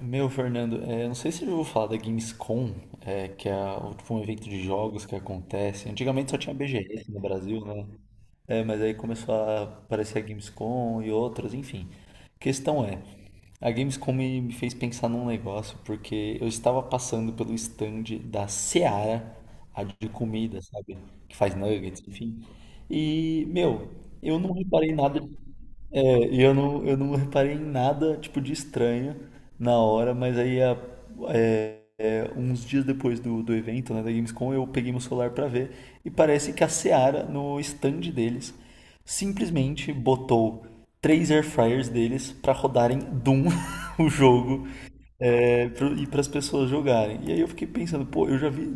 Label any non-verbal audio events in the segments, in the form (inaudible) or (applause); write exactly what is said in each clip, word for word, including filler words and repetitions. Meu, Fernando, é, não sei se você já falar da Gamescom, é, que é o- tipo, um evento de jogos que acontece. Antigamente só tinha B G S no Brasil, né? É, mas aí começou a aparecer a Gamescom e outras, enfim. Questão é, a Gamescom me, me fez pensar num negócio, porque eu estava passando pelo stand da Seara, a de comida, sabe? Que faz nuggets, enfim. E, meu, eu não reparei nada, é, e eu não, eu não reparei em nada, tipo, de estranho na hora, mas aí, a- é, é, uns dias depois do, do evento, né, da Gamescom, eu peguei meu celular pra ver e parece que a Seara, no stand deles, simplesmente botou três air fryers deles pra rodarem Doom, (laughs) o jogo, é, pro- e para as pessoas jogarem. E aí eu fiquei pensando, pô, eu já vi,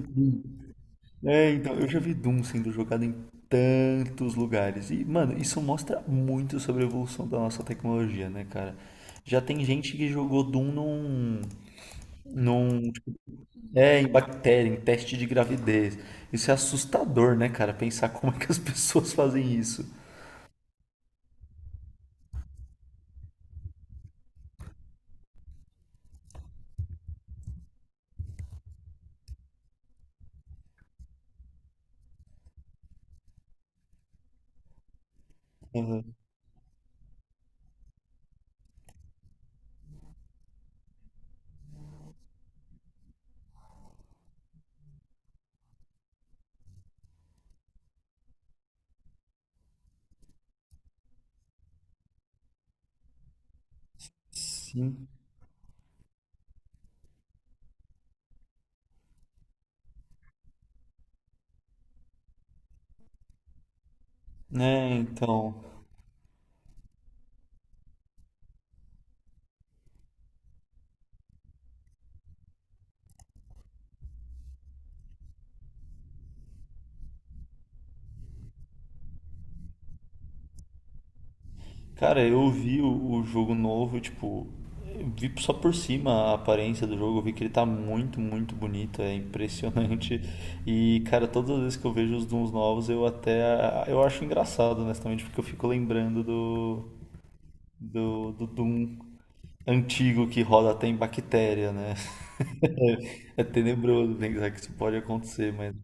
é, então, eu já vi Doom sendo jogado em tantos lugares. E, mano, isso mostra muito sobre a evolução da nossa tecnologia, né, cara? Já tem gente que jogou Doom num, num, tipo, é, em bactéria, em teste de gravidez. Isso é assustador, né, cara? Pensar (laughs) como é que as pessoas fazem isso. Uhum. Sim. É, então. Cara, eu vi o, o jogo novo, tipo, eu vi só por cima a aparência do jogo, eu vi que ele tá muito, muito bonito, é impressionante. (laughs) E, cara, todas as vezes que eu vejo os Dooms novos, eu até eu acho engraçado, honestamente, porque eu fico lembrando do, do, do Doom antigo que roda até em bactéria, né? (laughs) É tenebroso pensar que isso pode acontecer, mas.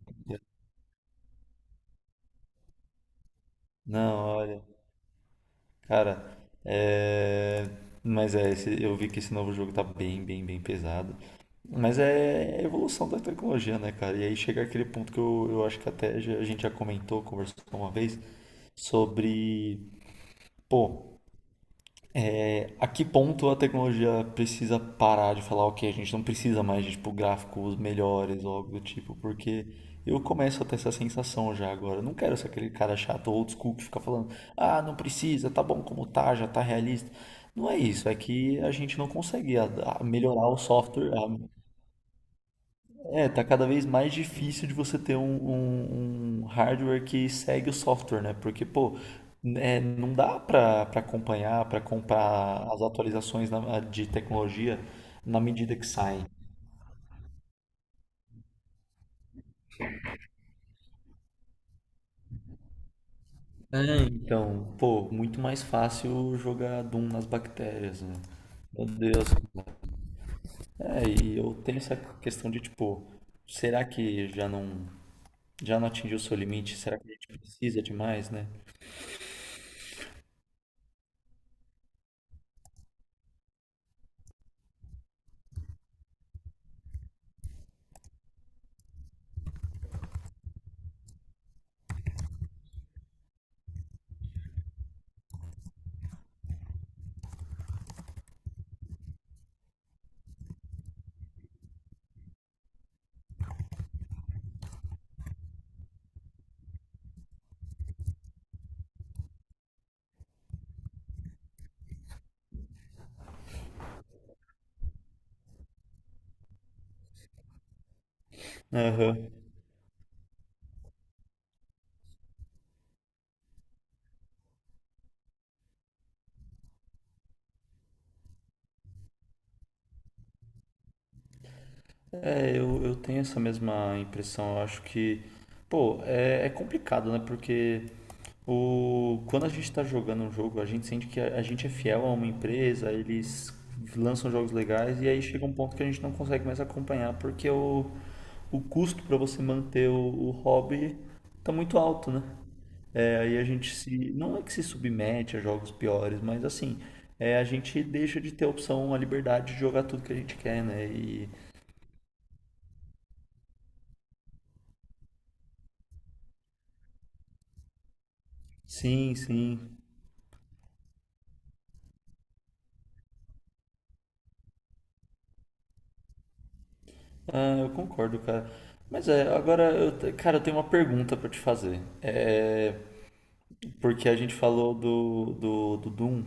Não, olha. Cara, é... mas é, esse- eu vi que esse novo jogo tá bem, bem, bem pesado. Mas é a evolução da tecnologia, né, cara? E aí chega aquele ponto que eu, eu acho que até já- a gente já comentou, conversou uma vez, sobre, pô, é, a que ponto a tecnologia precisa parar de falar, ok, a gente não precisa mais de tipo, gráficos melhores ou algo do tipo, porque eu começo a ter essa sensação já agora. Eu não quero ser aquele cara chato old school que fica falando, ah, não precisa, tá bom como tá, já tá realista. Não é isso, é que a gente não consegue a- a melhorar o software, é, tá cada vez mais difícil de você ter um, um- um hardware que segue o software, né? Porque, pô, é, não dá pra, pra acompanhar, pra comprar as atualizações na- de tecnologia na medida que saem. Então, pô, muito mais fácil jogar Doom nas bactérias, né? Meu Deus. É, e eu tenho essa questão de, tipo, será que já não, já não atingiu o seu limite? Será que a gente precisa de mais, né? Aham. É, eu, eu tenho essa mesma impressão. Eu acho que, pô, é, é complicado, né? Porque o, quando a gente está jogando um jogo, a gente sente que a, a gente é fiel a uma empresa, eles lançam jogos legais e aí chega um ponto que a gente não consegue mais acompanhar, porque o, o custo para você manter o, o hobby tá muito alto, né? É, aí a gente se. Não é que se submete a jogos piores, mas assim, é, a gente deixa de ter a opção, a liberdade de jogar tudo que a gente quer, né? E sim, sim. Ah, eu concordo, cara. Mas é, agora eu, te- cara, eu tenho uma pergunta pra te fazer. É, porque a gente falou do, do, do Doom.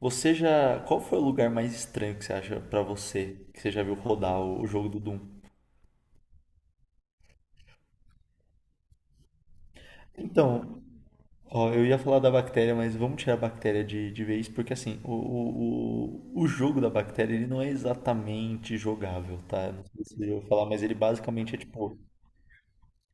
Você já, qual foi o lugar mais estranho que você acha pra você que você já viu rodar o, o jogo do Doom? Então, ó, eu ia falar da bactéria, mas vamos tirar a bactéria de, de vez, porque assim, o, o, o o jogo da bactéria ele não é exatamente jogável, tá? Não sei se eu vou falar, mas ele basicamente é tipo.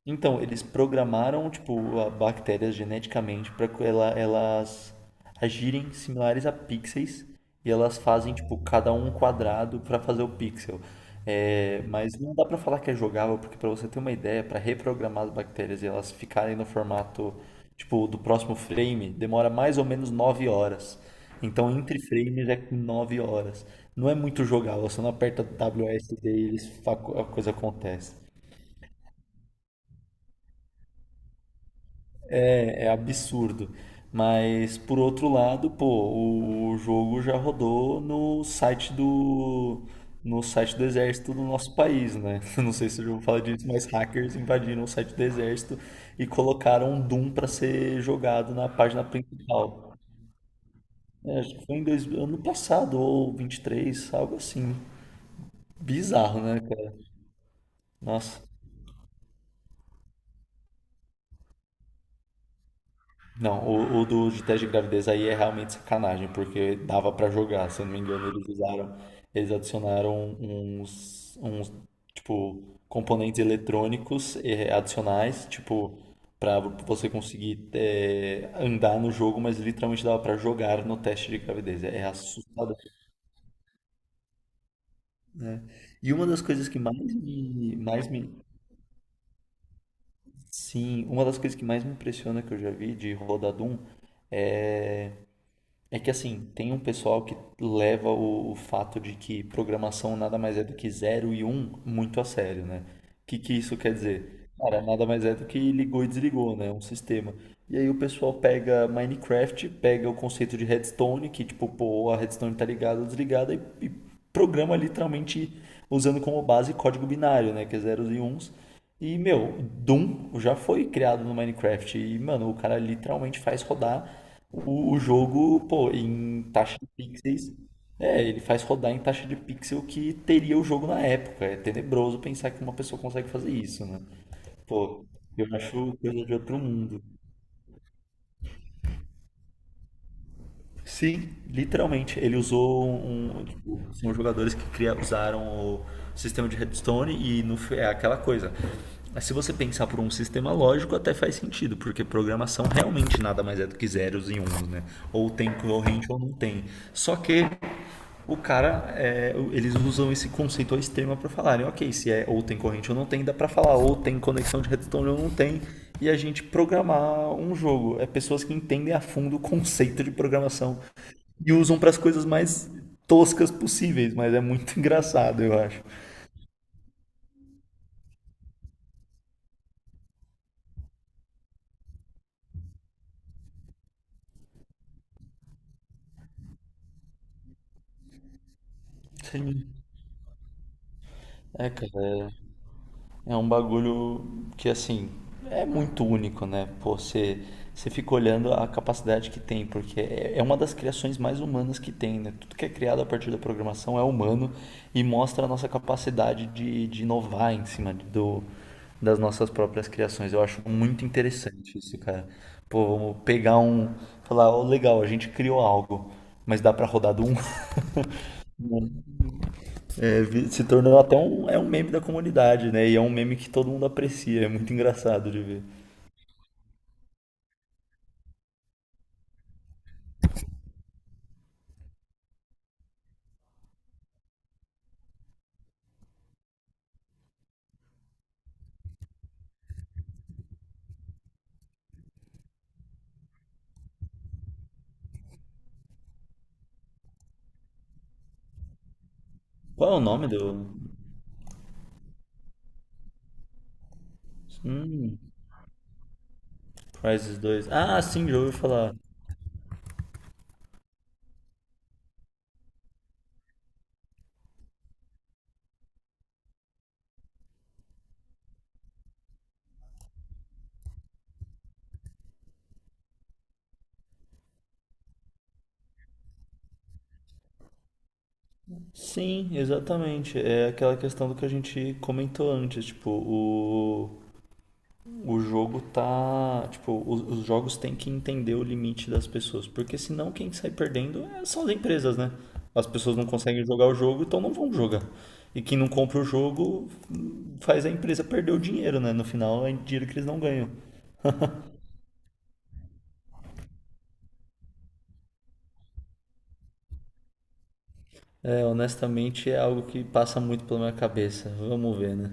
Então, eles programaram, tipo, a bactérias geneticamente para que ela, elas agirem similares a pixels e elas fazem, tipo, cada um um quadrado para fazer o pixel. É, mas não dá para falar que é jogável, porque para você ter uma ideia, para reprogramar as bactérias e elas ficarem no formato, tipo, do próximo frame, demora mais ou menos nove horas. Então, entre frames é nove horas. Não é muito jogável, você não aperta W, WASD e eles, fa- a coisa acontece. É absurdo. Mas, por outro lado, pô, o, o jogo já rodou no site do, no site do, exército do nosso país, né? (laughs) Não sei se eu já vou falar disso, mas hackers invadiram o site do exército e colocaram um Doom para ser jogado na página principal. É, acho que foi em dois, ano passado, ou vinte e três, algo assim. Bizarro, né, cara? Nossa. Não, o, o do de teste de gravidez aí é realmente sacanagem, porque dava pra jogar, se eu não me engano, eles usaram, eles adicionaram uns, uns tipo, componentes eletrônicos eh, adicionais, tipo, pra você conseguir eh, andar no jogo, mas literalmente dava pra jogar no teste de gravidez. É é assustador, né? E uma das coisas que mais me, mais me, sim, uma das coisas que mais me impressiona que eu já vi de Rodadum. É que assim, tem um pessoal que leva o, o fato de que programação nada mais é do que zero e um muito a sério, né? O que, que isso quer dizer? Cara, nada mais é do que ligou e desligou, né? Um sistema. E aí o pessoal pega Minecraft, pega o conceito de redstone, que tipo, pô, a redstone tá ligada ou desligada, e, e programa literalmente usando como base código binário, né? Que é zeros e uns. E, meu, Doom já foi criado no Minecraft. E, mano, o cara literalmente faz rodar. O, o jogo, pô, em taxa de pixels. É, ele faz rodar em taxa de pixel que teria o jogo na época. É tenebroso pensar que uma pessoa consegue fazer isso, né? Pô, eu acho coisa de outro mundo. Sim, literalmente. Ele usou um. Tipo, são jogadores que cria- usaram o sistema de redstone e no, fi- é aquela coisa. Mas se você pensar por um sistema lógico, até faz sentido, porque programação realmente nada mais é do que zeros e uns, né? Ou tem corrente ou não tem. Só que o cara, é, eles usam esse conceito ao extremo para falarem, ok, se é ou tem corrente ou não tem, dá para falar ou tem conexão de redstone ou não tem, e a gente programar um jogo. É pessoas que entendem a fundo o conceito de programação e usam para as coisas mais toscas possíveis, mas é muito (laughs) engraçado, eu acho. Sim. É, cara, é um bagulho que, assim, é muito único, né? Pô, você, você fica olhando a capacidade que tem, porque é, é uma das criações mais humanas que tem, né? Tudo que é criado a partir da programação é humano e mostra a nossa capacidade de, de inovar em cima do, das nossas próprias criações. Eu acho muito interessante isso, cara. Pô, vamos pegar um. Falar, ó, legal, a gente criou algo, mas dá pra rodar do um. (laughs) É, vi- se tornou até um, é um meme da comunidade, né? E é um meme que todo mundo aprecia, é muito engraçado de ver. Qual é o nome do. Hum, Crysis dois. Ah, sim, já ouvi falar. Sim, exatamente. É aquela questão do que a gente comentou antes, tipo, o o jogo tá. Tipo, os, os jogos têm que entender o limite das pessoas. Porque senão quem sai perdendo é- são as empresas, né? As pessoas não conseguem jogar o jogo, então não vão jogar. E quem não compra o jogo, hum, faz a empresa perder o dinheiro, né? No final é dinheiro que eles não ganham. É, honestamente é algo que passa muito pela minha cabeça. Vamos ver, né?